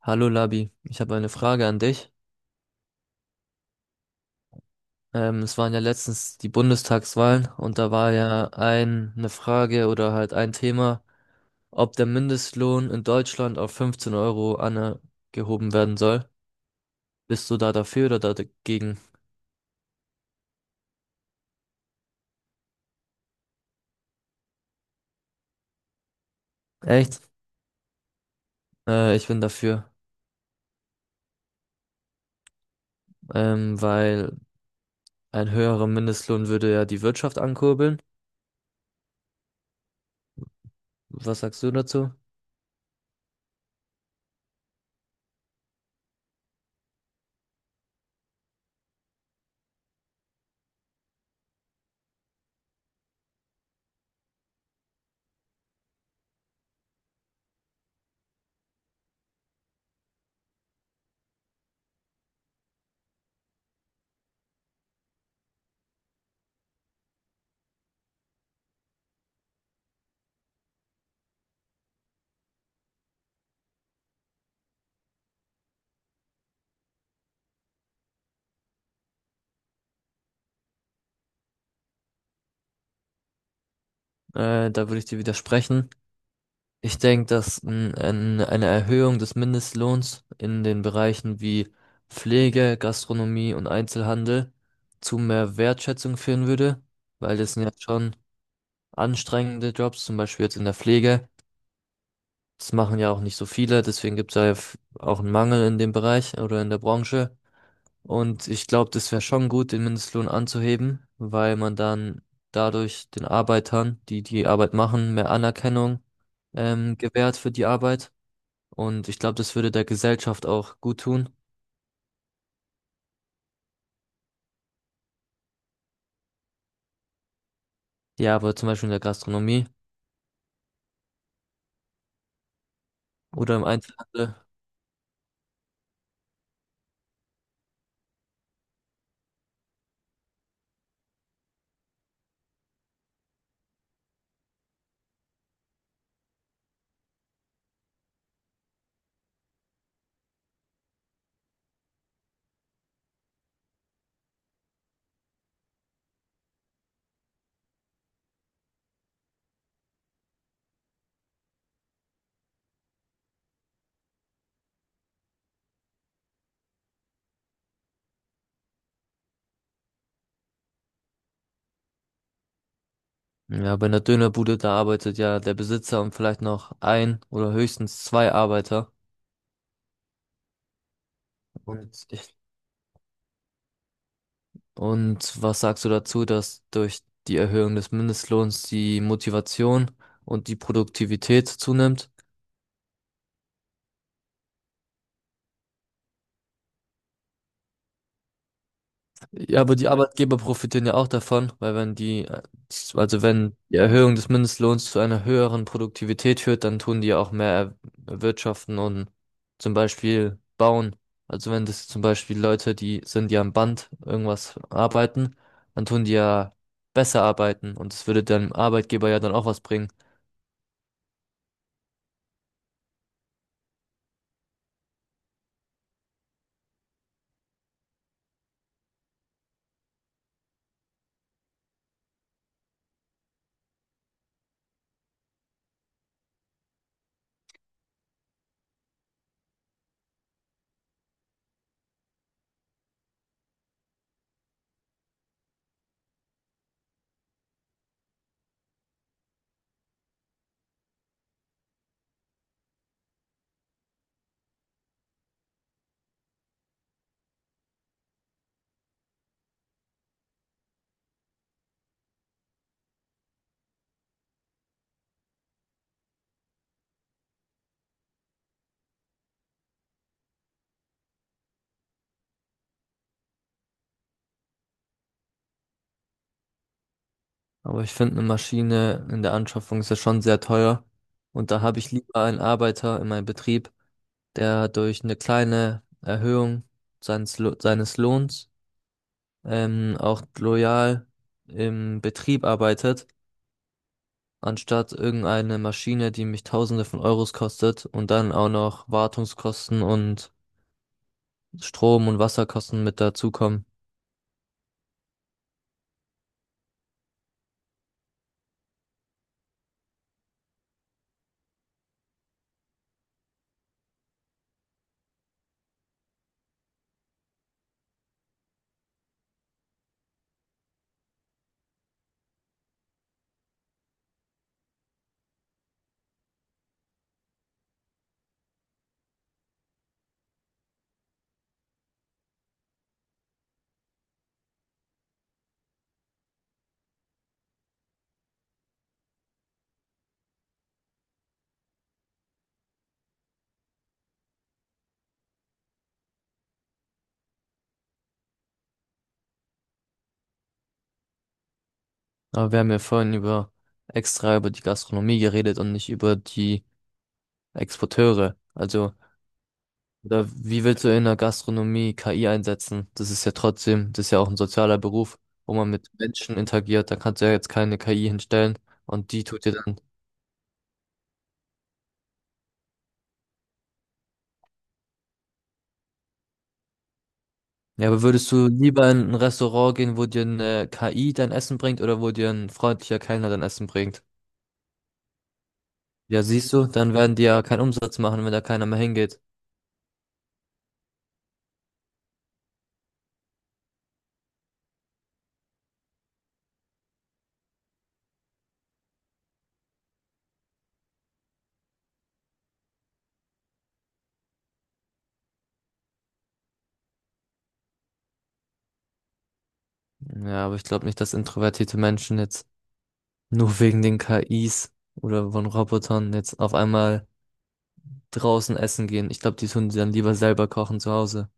Hallo Labi, ich habe eine Frage an dich. Es waren ja letztens die Bundestagswahlen und da war ja eine Frage oder halt ein Thema, ob der Mindestlohn in Deutschland auf 15 Euro angehoben werden soll. Bist du da dafür oder da dagegen? Echt? Ich bin dafür, weil ein höherer Mindestlohn würde ja die Wirtschaft ankurbeln. Was sagst du dazu? Da würde ich dir widersprechen. Ich denke, dass eine Erhöhung des Mindestlohns in den Bereichen wie Pflege, Gastronomie und Einzelhandel zu mehr Wertschätzung führen würde, weil das sind ja schon anstrengende Jobs, zum Beispiel jetzt in der Pflege. Das machen ja auch nicht so viele, deswegen gibt es ja auch einen Mangel in dem Bereich oder in der Branche. Und ich glaube, das wäre schon gut, den Mindestlohn anzuheben, weil man dann dadurch den Arbeitern, die Arbeit machen, mehr Anerkennung gewährt für die Arbeit. Und ich glaube, das würde der Gesellschaft auch gut tun. Ja, aber zum Beispiel in der Gastronomie oder im Einzelhandel. Ja, bei einer Dönerbude, da arbeitet ja der Besitzer und vielleicht noch ein oder höchstens zwei Arbeiter. Und, ich- und was sagst du dazu, dass durch die Erhöhung des Mindestlohns die Motivation und die Produktivität zunimmt? Ja, aber die Arbeitgeber profitieren ja auch davon, weil wenn die, also wenn die Erhöhung des Mindestlohns zu einer höheren Produktivität führt, dann tun die ja auch mehr erwirtschaften und zum Beispiel bauen. Also wenn das zum Beispiel Leute, die sind, die am Band irgendwas arbeiten, dann tun die ja besser arbeiten und es würde dem Arbeitgeber ja dann auch was bringen. Aber ich finde, eine Maschine in der Anschaffung ist ja schon sehr teuer und da habe ich lieber einen Arbeiter in meinem Betrieb, der durch eine kleine Erhöhung seines Lohns auch loyal im Betrieb arbeitet, anstatt irgendeine Maschine, die mich Tausende von Euros kostet und dann auch noch Wartungskosten und Strom- und Wasserkosten mit dazukommen. Aber wir haben ja vorhin über extra über die Gastronomie geredet und nicht über die Exporteure. Also oder wie willst du in der Gastronomie KI einsetzen? Das ist ja trotzdem, das ist ja auch ein sozialer Beruf, wo man mit Menschen interagiert. Da kannst du ja jetzt keine KI hinstellen und die tut dir dann. Ja, aber würdest du lieber in ein Restaurant gehen, wo dir eine KI dein Essen bringt oder wo dir ein freundlicher Kellner dein Essen bringt? Ja, siehst du, dann werden die ja keinen Umsatz machen, wenn da keiner mehr hingeht. Ja, aber ich glaube nicht, dass introvertierte Menschen jetzt nur wegen den KIs oder von Robotern jetzt auf einmal draußen essen gehen. Ich glaube, die tun sie dann lieber selber kochen zu Hause.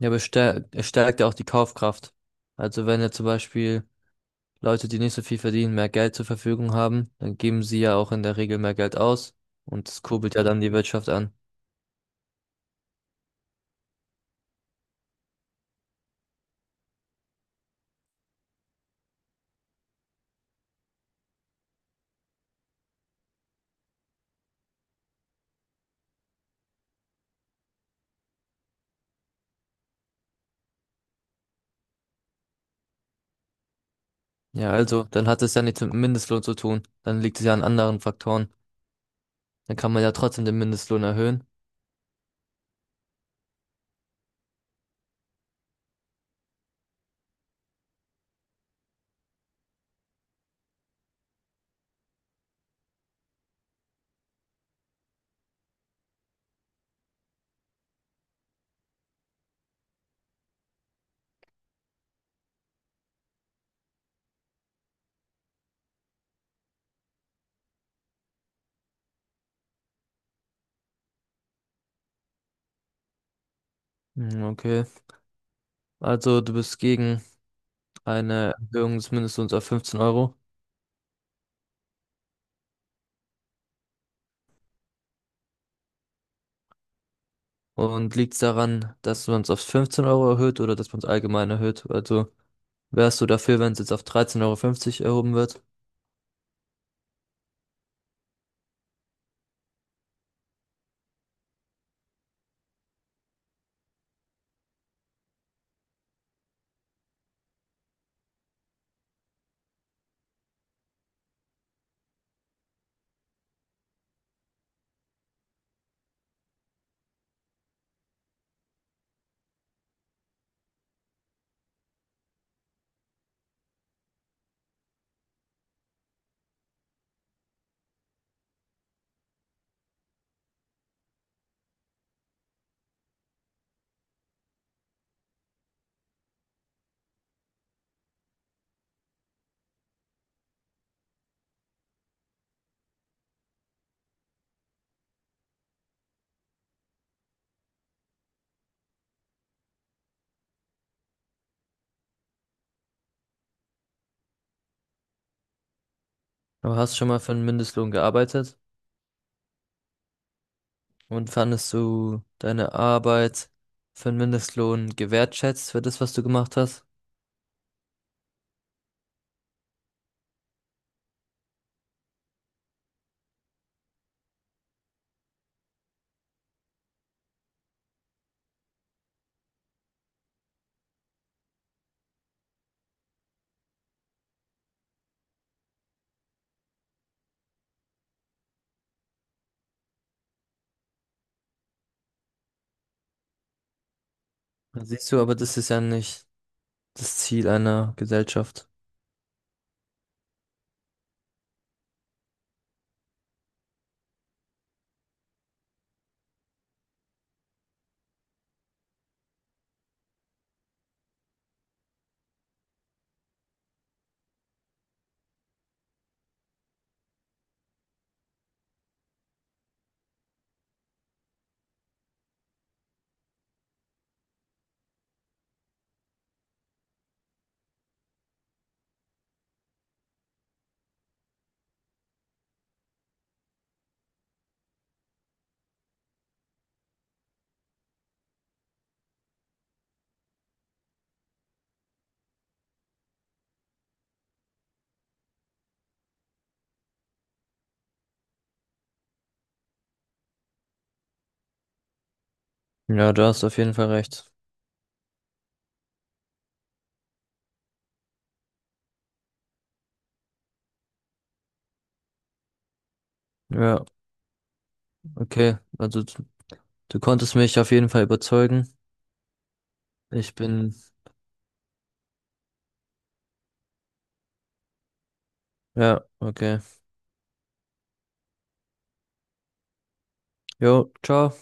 Ja, aber es stärkt ja auch die Kaufkraft. Also wenn ja zum Beispiel Leute, die nicht so viel verdienen, mehr Geld zur Verfügung haben, dann geben sie ja auch in der Regel mehr Geld aus und das kurbelt ja dann die Wirtschaft an. Ja, also dann hat es ja nichts mit dem Mindestlohn zu tun. Dann liegt es ja an anderen Faktoren. Dann kann man ja trotzdem den Mindestlohn erhöhen. Hm, okay. Also du bist gegen eine Erhöhung des Mindestlohns auf 15 Euro. Und liegt es daran, dass man es auf 15 Euro erhöht oder dass man es allgemein erhöht? Also wärst du dafür, wenn es jetzt auf 13,50 Euro fünfzig erhoben wird? Aber hast du schon mal für einen Mindestlohn gearbeitet? Und fandest du deine Arbeit für einen Mindestlohn gewertschätzt für das, was du gemacht hast? Da siehst du, aber das ist ja nicht das Ziel einer Gesellschaft. Ja, du hast auf jeden Fall recht. Ja, okay. Also du konntest mich auf jeden Fall überzeugen. Ich bin, ja, okay. Jo, ciao.